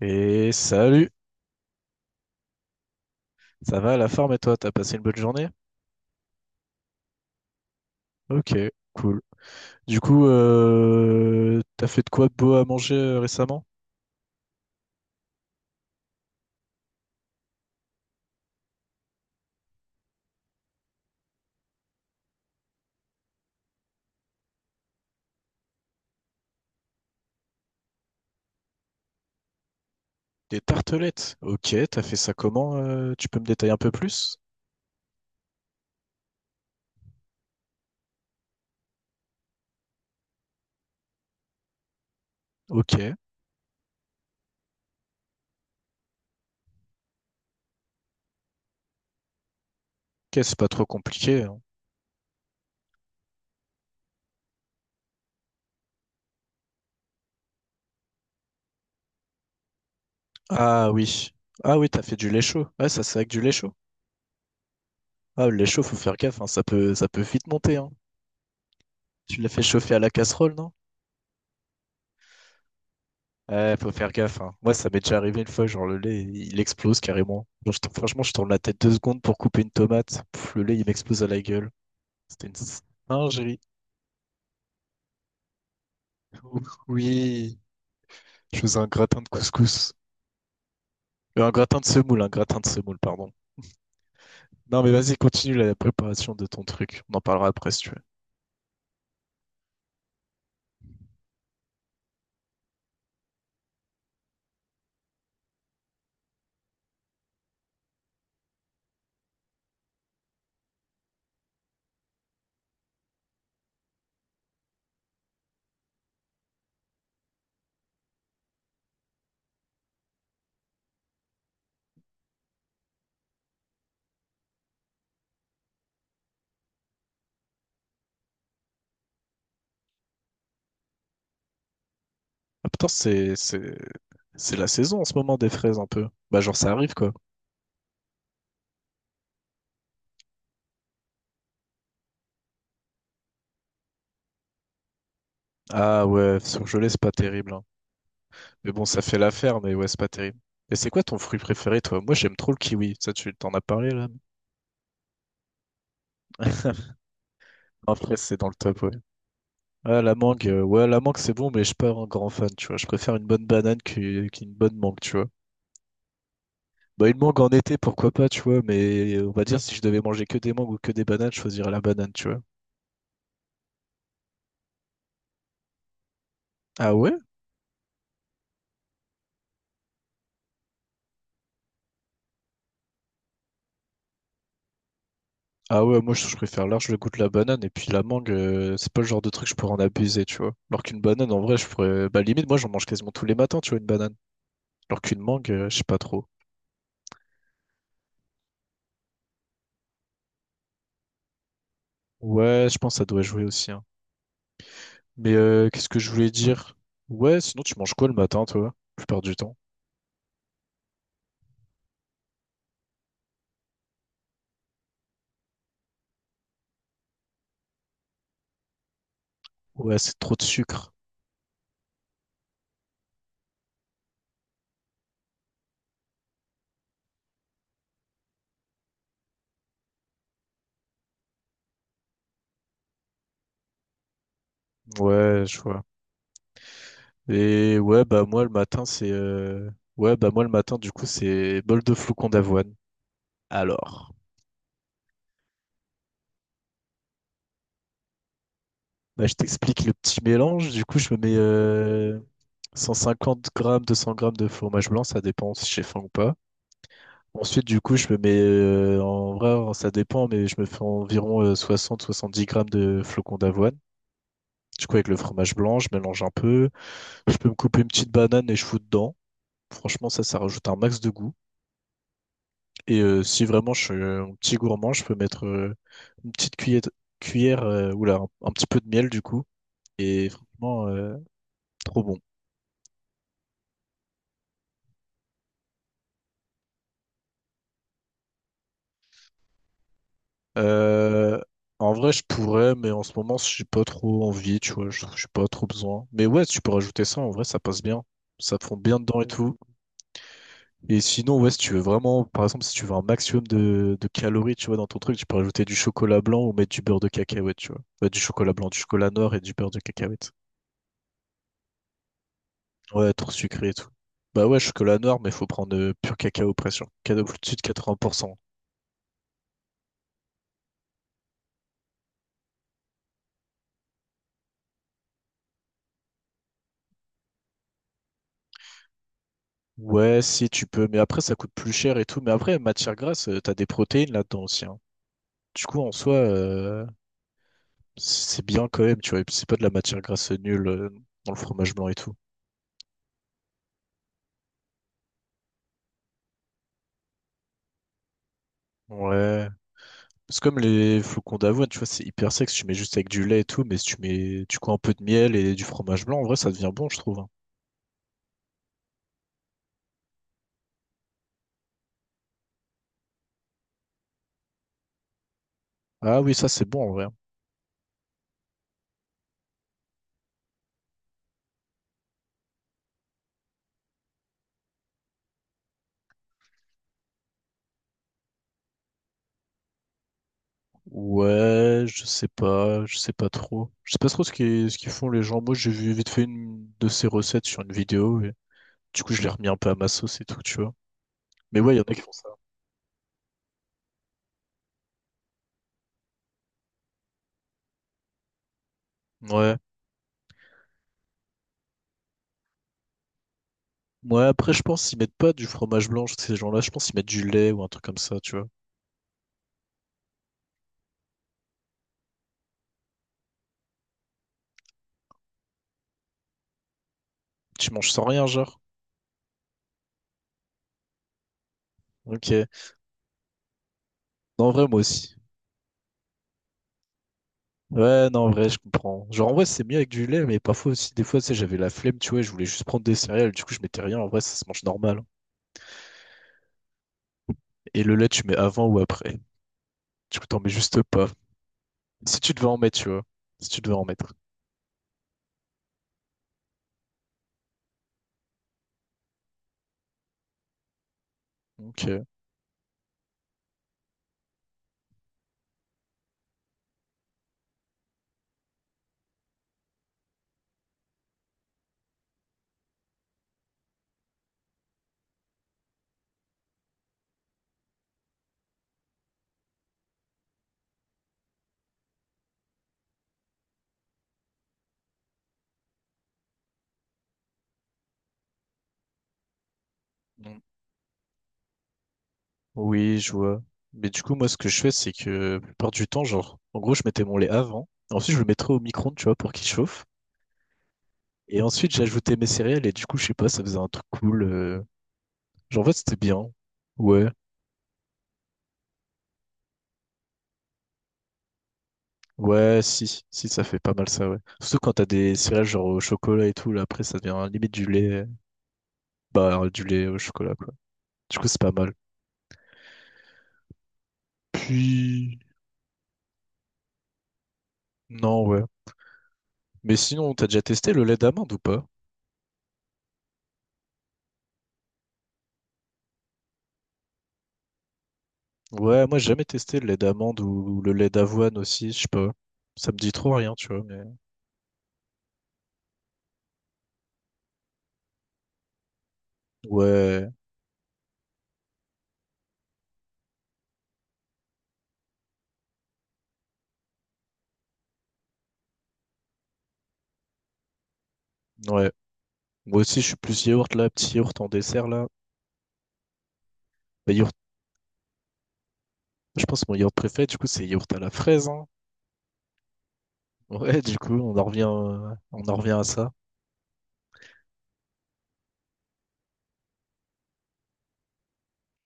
Et salut, ça va la forme et toi, t'as passé une bonne journée? Ok, cool. Du coup, t'as fait de quoi de beau à manger récemment? Des tartelettes. Ok, t'as fait ça comment? Tu peux me détailler un peu plus? Ok, ok, c'est pas trop compliqué, hein. Ah oui, ah oui, t'as fait du lait chaud. Ouais, ça c'est avec du lait chaud. Ah, le lait chaud, faut faire gaffe, hein, ça peut vite monter, hein. Tu l'as fait chauffer à la casserole, non? Ouais, faut faire gaffe, hein. Moi, ça m'est déjà arrivé une fois, genre le lait, il explose carrément. Genre, franchement, je tourne la tête deux secondes pour couper une tomate. Pff, le lait, il m'explose à la gueule. C'était une singerie. Ouh, oui, je faisais un gratin de couscous. Un gratin de semoule, un gratin de semoule, pardon. Non, mais vas-y, continue la préparation de ton truc. On en parlera après si tu veux. Ah putain, c'est la saison en ce moment des fraises un peu. Bah, genre, ça arrive quoi. Ah ouais, surgelé, c'est pas terrible, hein. Mais bon, ça fait l'affaire, mais ouais, c'est pas terrible. Et c'est quoi ton fruit préféré, toi? Moi, j'aime trop le kiwi. Ça, tu t'en as parlé, là? Après, c'est dans le top, ouais. Ah, la mangue, ouais, la mangue, c'est bon, mais je suis pas un grand fan, tu vois. Je préfère une bonne banane qu'une bonne mangue, tu vois. Bah, une mangue en été, pourquoi pas, tu vois, mais on va dire, si je devais manger que des mangues ou que des bananes, je choisirais la banane, tu vois. Ah ouais? Ah ouais, moi, je préfère large le goût de la banane, et puis la mangue, c'est pas le genre de truc que je pourrais en abuser, tu vois. Alors qu'une banane, en vrai, je pourrais. Bah, limite, moi, j'en mange quasiment tous les matins, tu vois, une banane. Alors qu'une mangue, je sais pas trop. Ouais, je pense que ça doit jouer aussi, hein. Mais qu'est-ce que je voulais dire? Ouais, sinon tu manges quoi le matin, toi, la plupart du temps? Ouais, c'est trop de sucre. Ouais, je vois. Et ouais, bah moi le matin, c'est ouais, bah moi le matin, du coup, c'est bol de flocons d'avoine. Alors, bah, je t'explique le petit mélange. Du coup, je me mets 150 grammes, 200 grammes de fromage blanc, ça dépend si j'ai faim ou pas. Ensuite, du coup, je me mets, en vrai, ça dépend, mais je me fais environ soixante, soixante-dix grammes de flocons d'avoine. Du coup, avec le fromage blanc, je mélange un peu. Je peux me couper une petite banane et je fous dedans. Franchement, ça rajoute un max de goût. Et si vraiment je suis un petit gourmand, je peux mettre une petite cuillère oula, un petit peu de miel du coup. Et franchement, trop bon. Euh, en vrai, je pourrais, mais en ce moment, j'ai pas trop envie, tu vois. Je n'ai pas trop besoin. Mais ouais, tu peux rajouter ça. En vrai, ça passe bien. Ça fond bien dedans et tout. Et sinon, ouais, si tu veux vraiment, par exemple, si tu veux un maximum de calories, tu vois, dans ton truc, tu peux rajouter du chocolat blanc ou mettre du beurre de cacahuète, tu vois. Bah, du chocolat blanc, du chocolat noir et du beurre de cacahuète. Ouais, trop sucré et tout. Bah ouais, chocolat noir, mais faut prendre pur cacao pression. Cacao au-dessus de 80%. Ouais, si tu peux, mais après, ça coûte plus cher et tout. Mais après, matière grasse, t'as des protéines là-dedans aussi, hein. Du coup, en soi, c'est bien quand même, tu vois. Et puis, c'est pas de la matière grasse nulle dans le fromage blanc et tout. Ouais. C'est comme les flocons d'avoine, tu vois, c'est hyper sec, si tu mets juste avec du lait et tout, mais si tu mets tu coins un peu de miel et du fromage blanc, en vrai, ça devient bon, je trouve, hein. Ah oui, ça c'est bon en vrai, hein. Ouais, je sais pas trop. Je sais pas trop ce qu'ils font les gens. Moi, j'ai vu vite fait une de ces recettes sur une vidéo et du coup, je l'ai remis un peu à ma sauce et tout, tu vois. Mais ouais, il y en a qui font ça. Ouais. Ouais, après, je pense qu'ils mettent pas du fromage blanc, ces gens-là, je pense qu'ils mettent du lait ou un truc comme ça, tu vois. Tu manges sans rien, genre. Ok. Non, en vrai, moi aussi. Ouais, non, en vrai, je comprends. Genre, en vrai, c'est mieux avec du lait, mais parfois aussi, des fois, tu sais, j'avais la flemme, tu vois, je voulais juste prendre des céréales, du coup, je mettais rien. En vrai, ça se mange normal. Et le lait, tu mets avant ou après. Du coup, t'en mets juste pas. Si tu devais en mettre, tu vois. Si tu devais en mettre. Ok. Mm. Oui, je vois. Mais du coup, moi, ce que je fais, c'est que, la plupart du temps, genre, en gros, je mettais mon lait avant. Ensuite, je le mettrais au micro-ondes, tu vois, pour qu'il chauffe. Et ensuite, j'ajoutais mes céréales, et du coup, je sais pas, ça faisait un truc cool. Genre, en fait, c'était bien. Ouais. Ouais, si, si, ça fait pas mal ça, ouais. Surtout quand t'as des céréales genre au chocolat et tout, là, après, ça devient limite du lait, bah, hein, du lait au chocolat, quoi. Du coup, c'est pas mal. Puis, non, ouais. Mais sinon, t'as déjà testé le lait d'amande ou pas? Ouais, moi, j'ai jamais testé le lait d'amande ou le lait d'avoine aussi, je sais pas. Ça me dit trop rien, tu vois, mais. Ouais, ouais. Moi aussi, je suis plus yaourt, là, petit yaourt en dessert, là. Bah, yaourt, je pense que mon yaourt préféré, du coup, c'est yaourt à la fraise, hein. Ouais, du coup, on en revient à ça.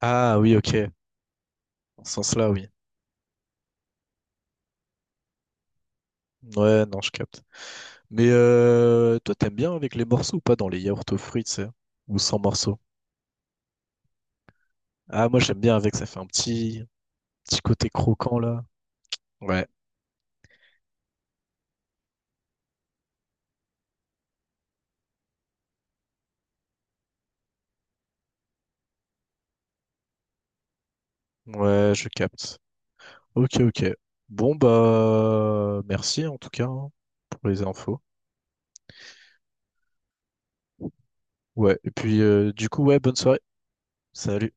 Ah oui, ok. Dans ce sens-là, oui. Ouais, non, je capte. Mais toi, t'aimes bien avec les morceaux ou pas dans les yaourts aux fruits, tu sais, ou sans morceaux? Ah, moi, j'aime bien avec, ça fait un petit, petit côté croquant, là. Ouais, ouais, je capte. Ok, ok. Bon, bah, merci en tout cas hein, pour les infos. Ouais, et puis, du coup, ouais, bonne soirée. Salut.